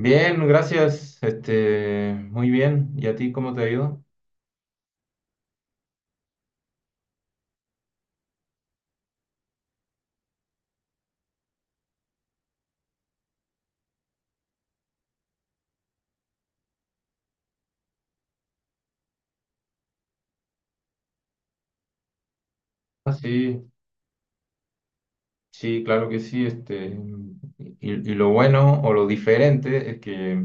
Bien, gracias. Muy bien. ¿Y a ti cómo te ha ido? Ah, sí. Sí, claro que sí. Y lo bueno o lo diferente es que,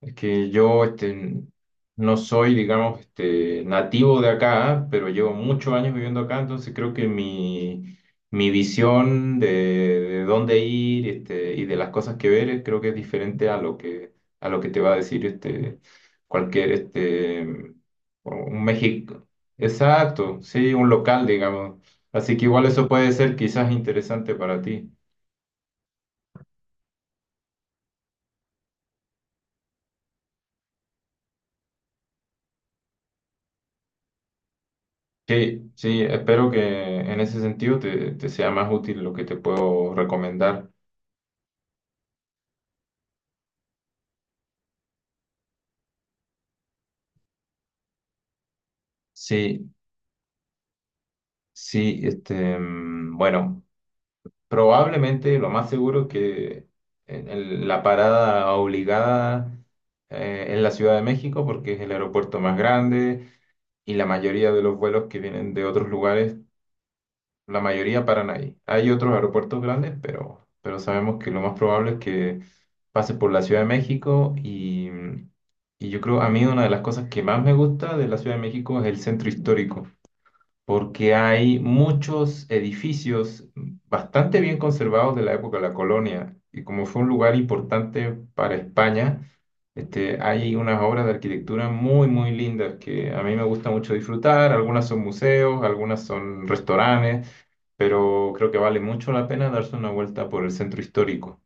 es que yo no soy, digamos, nativo de acá, pero llevo muchos años viviendo acá, entonces creo que mi visión de dónde ir y de las cosas que ver creo que es diferente a lo que te va a decir cualquier un México. Exacto, sí, un local, digamos. Así que igual eso puede ser quizás interesante para ti. Sí, sí, espero que en ese sentido te sea más útil lo que te puedo recomendar. Sí, sí, bueno, probablemente lo más seguro que la parada obligada es la Ciudad de México porque es el aeropuerto más grande y la mayoría de los vuelos que vienen de otros lugares la mayoría paran ahí. Hay otros aeropuertos grandes, pero sabemos que lo más probable es que pase por la Ciudad de México y yo creo, a mí una de las cosas que más me gusta de la Ciudad de México es el centro histórico, porque hay muchos edificios bastante bien conservados de la época de la colonia y como fue un lugar importante para España. Hay unas obras de arquitectura muy, muy lindas que a mí me gusta mucho disfrutar. Algunas son museos, algunas son restaurantes, pero creo que vale mucho la pena darse una vuelta por el centro histórico.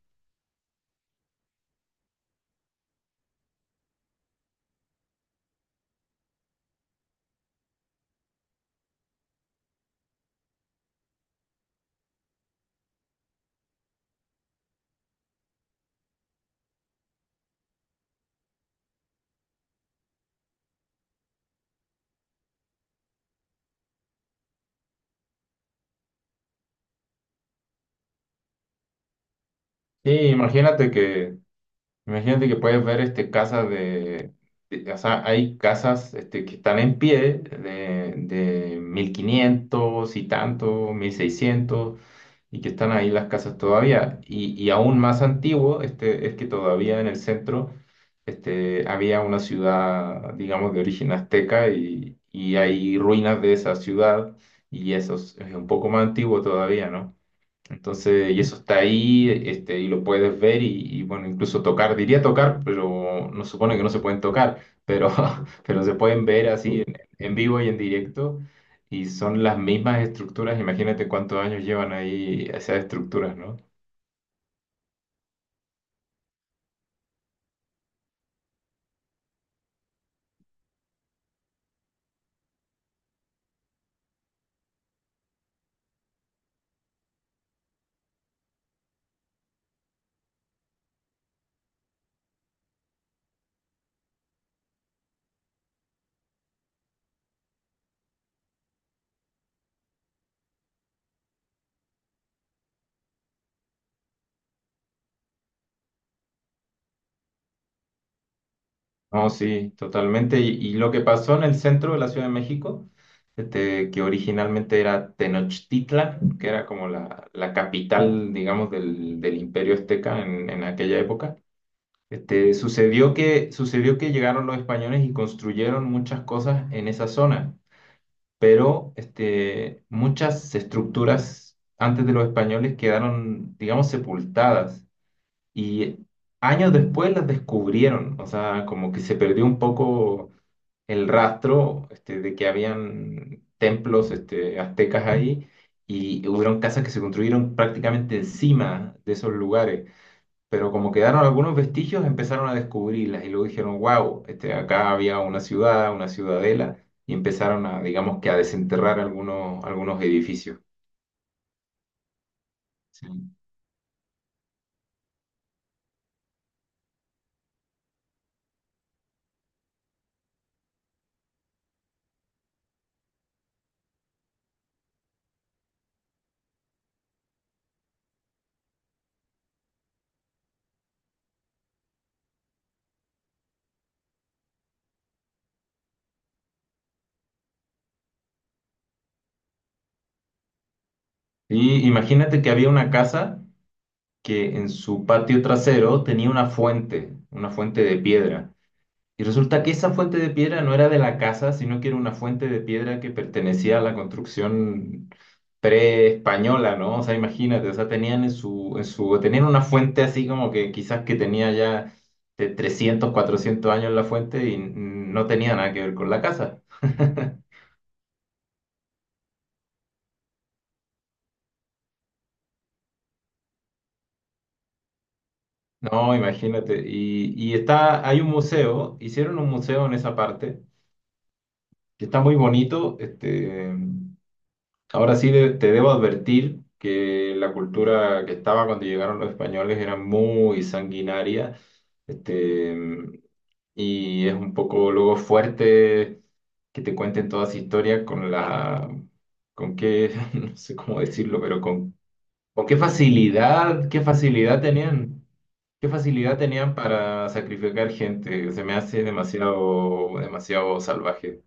Sí, imagínate que puedes ver casas o sea, hay casas que están en pie de 1500 y tanto, 1600 y que están ahí las casas todavía. Y aún más antiguo es que todavía en el centro había una ciudad, digamos, de origen azteca y hay ruinas de esa ciudad y eso es un poco más antiguo todavía, ¿no? Entonces, y eso está ahí, y lo puedes ver y, bueno, incluso tocar, diría tocar, pero no supone que no se pueden tocar, pero, pero se pueden ver así en vivo y en directo, y son las mismas estructuras, imagínate cuántos años llevan ahí esas estructuras, ¿no? No, sí, totalmente. Y lo que pasó en el centro de la Ciudad de México, que originalmente era Tenochtitlan, que era como la capital, digamos, del Imperio Azteca en aquella época. Sucedió que llegaron los españoles y construyeron muchas cosas en esa zona, pero muchas estructuras antes de los españoles quedaron, digamos, sepultadas y años después las descubrieron, o sea, como que se perdió un poco el rastro de que habían templos aztecas ahí y hubieron casas que se construyeron prácticamente encima de esos lugares pero como quedaron algunos vestigios, empezaron a descubrirlas y luego dijeron, wow, acá había una ciudad, una ciudadela, y empezaron a, digamos que a desenterrar algunos edificios. Sí. Y imagínate que había una casa que en su patio trasero tenía una fuente de piedra. Y resulta que esa fuente de piedra no era de la casa, sino que era una fuente de piedra que pertenecía a la construcción pre-española, ¿no? O sea, imagínate, o sea, tenían en su, tenían una fuente así como que quizás que tenía ya de 300 400 años la fuente y no tenía nada que ver con la casa. No, imagínate. Y está, hay un museo, hicieron un museo en esa parte, que está muy bonito. Ahora sí te debo advertir que la cultura que estaba cuando llegaron los españoles era muy sanguinaria, este, y es un poco luego fuerte que te cuenten toda esa historia con qué, no sé cómo decirlo, pero con qué facilidad tenían para sacrificar gente. Se me hace demasiado, demasiado salvaje.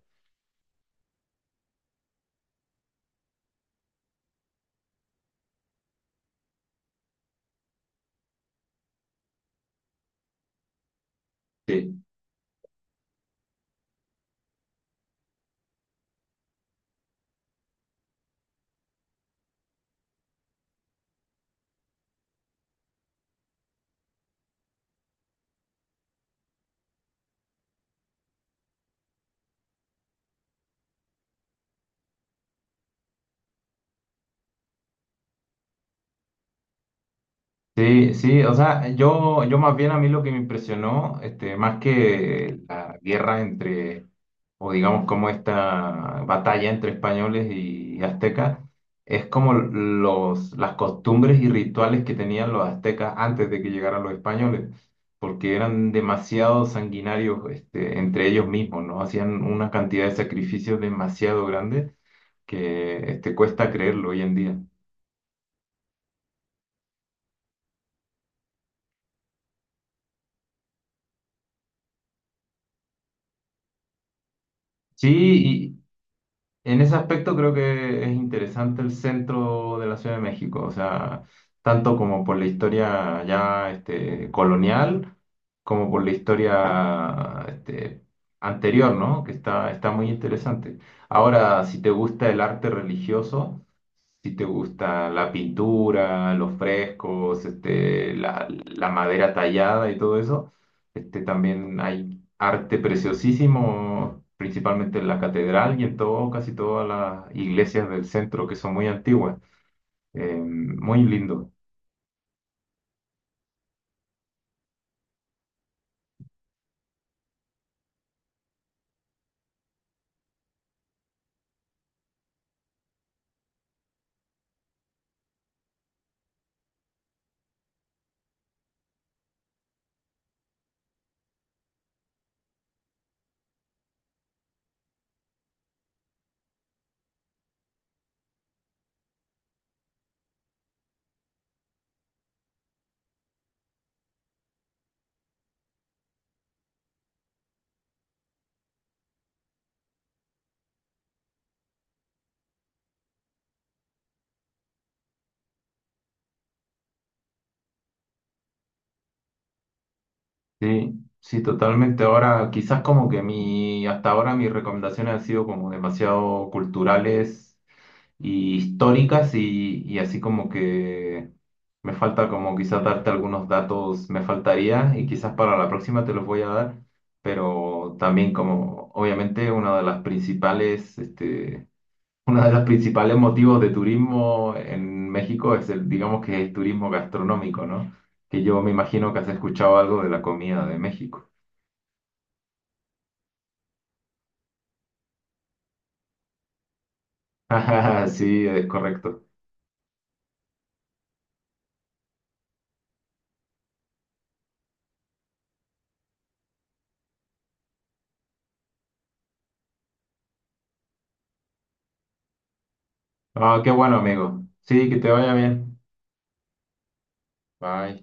Sí. Sí, sí, o sea, yo más bien a mí lo que me impresionó, más que la guerra entre, o digamos como esta batalla entre españoles y aztecas, es como las costumbres y rituales que tenían los aztecas antes de que llegaran los españoles, porque eran demasiado sanguinarios, entre ellos mismos, ¿no? Hacían una cantidad de sacrificios demasiado grande que, cuesta creerlo hoy en día. Sí. En ese aspecto creo que es interesante el centro de la Ciudad de México, o sea, tanto como por la historia ya colonial, como por la historia anterior, ¿no? Que está muy interesante. Ahora, si te gusta el arte religioso, si te gusta la pintura, los frescos, la madera tallada y todo eso, también hay arte preciosísimo, principalmente en la catedral y en todo, casi todas las iglesias del centro, que son muy antiguas. Muy lindo. Sí, sí, totalmente. Ahora, quizás como que hasta ahora mis recomendaciones han sido como demasiado culturales y históricas y así como que me falta como quizás darte algunos datos, me faltaría y quizás para la próxima te los voy a dar, pero también como obviamente una de las principales, este, uno de los principales motivos de turismo en México es el, digamos que es turismo gastronómico, ¿no? Que yo me imagino que has escuchado algo de la comida de México. Sí, es correcto. Ah, qué bueno, amigo. Sí, que te vaya bien. Bye.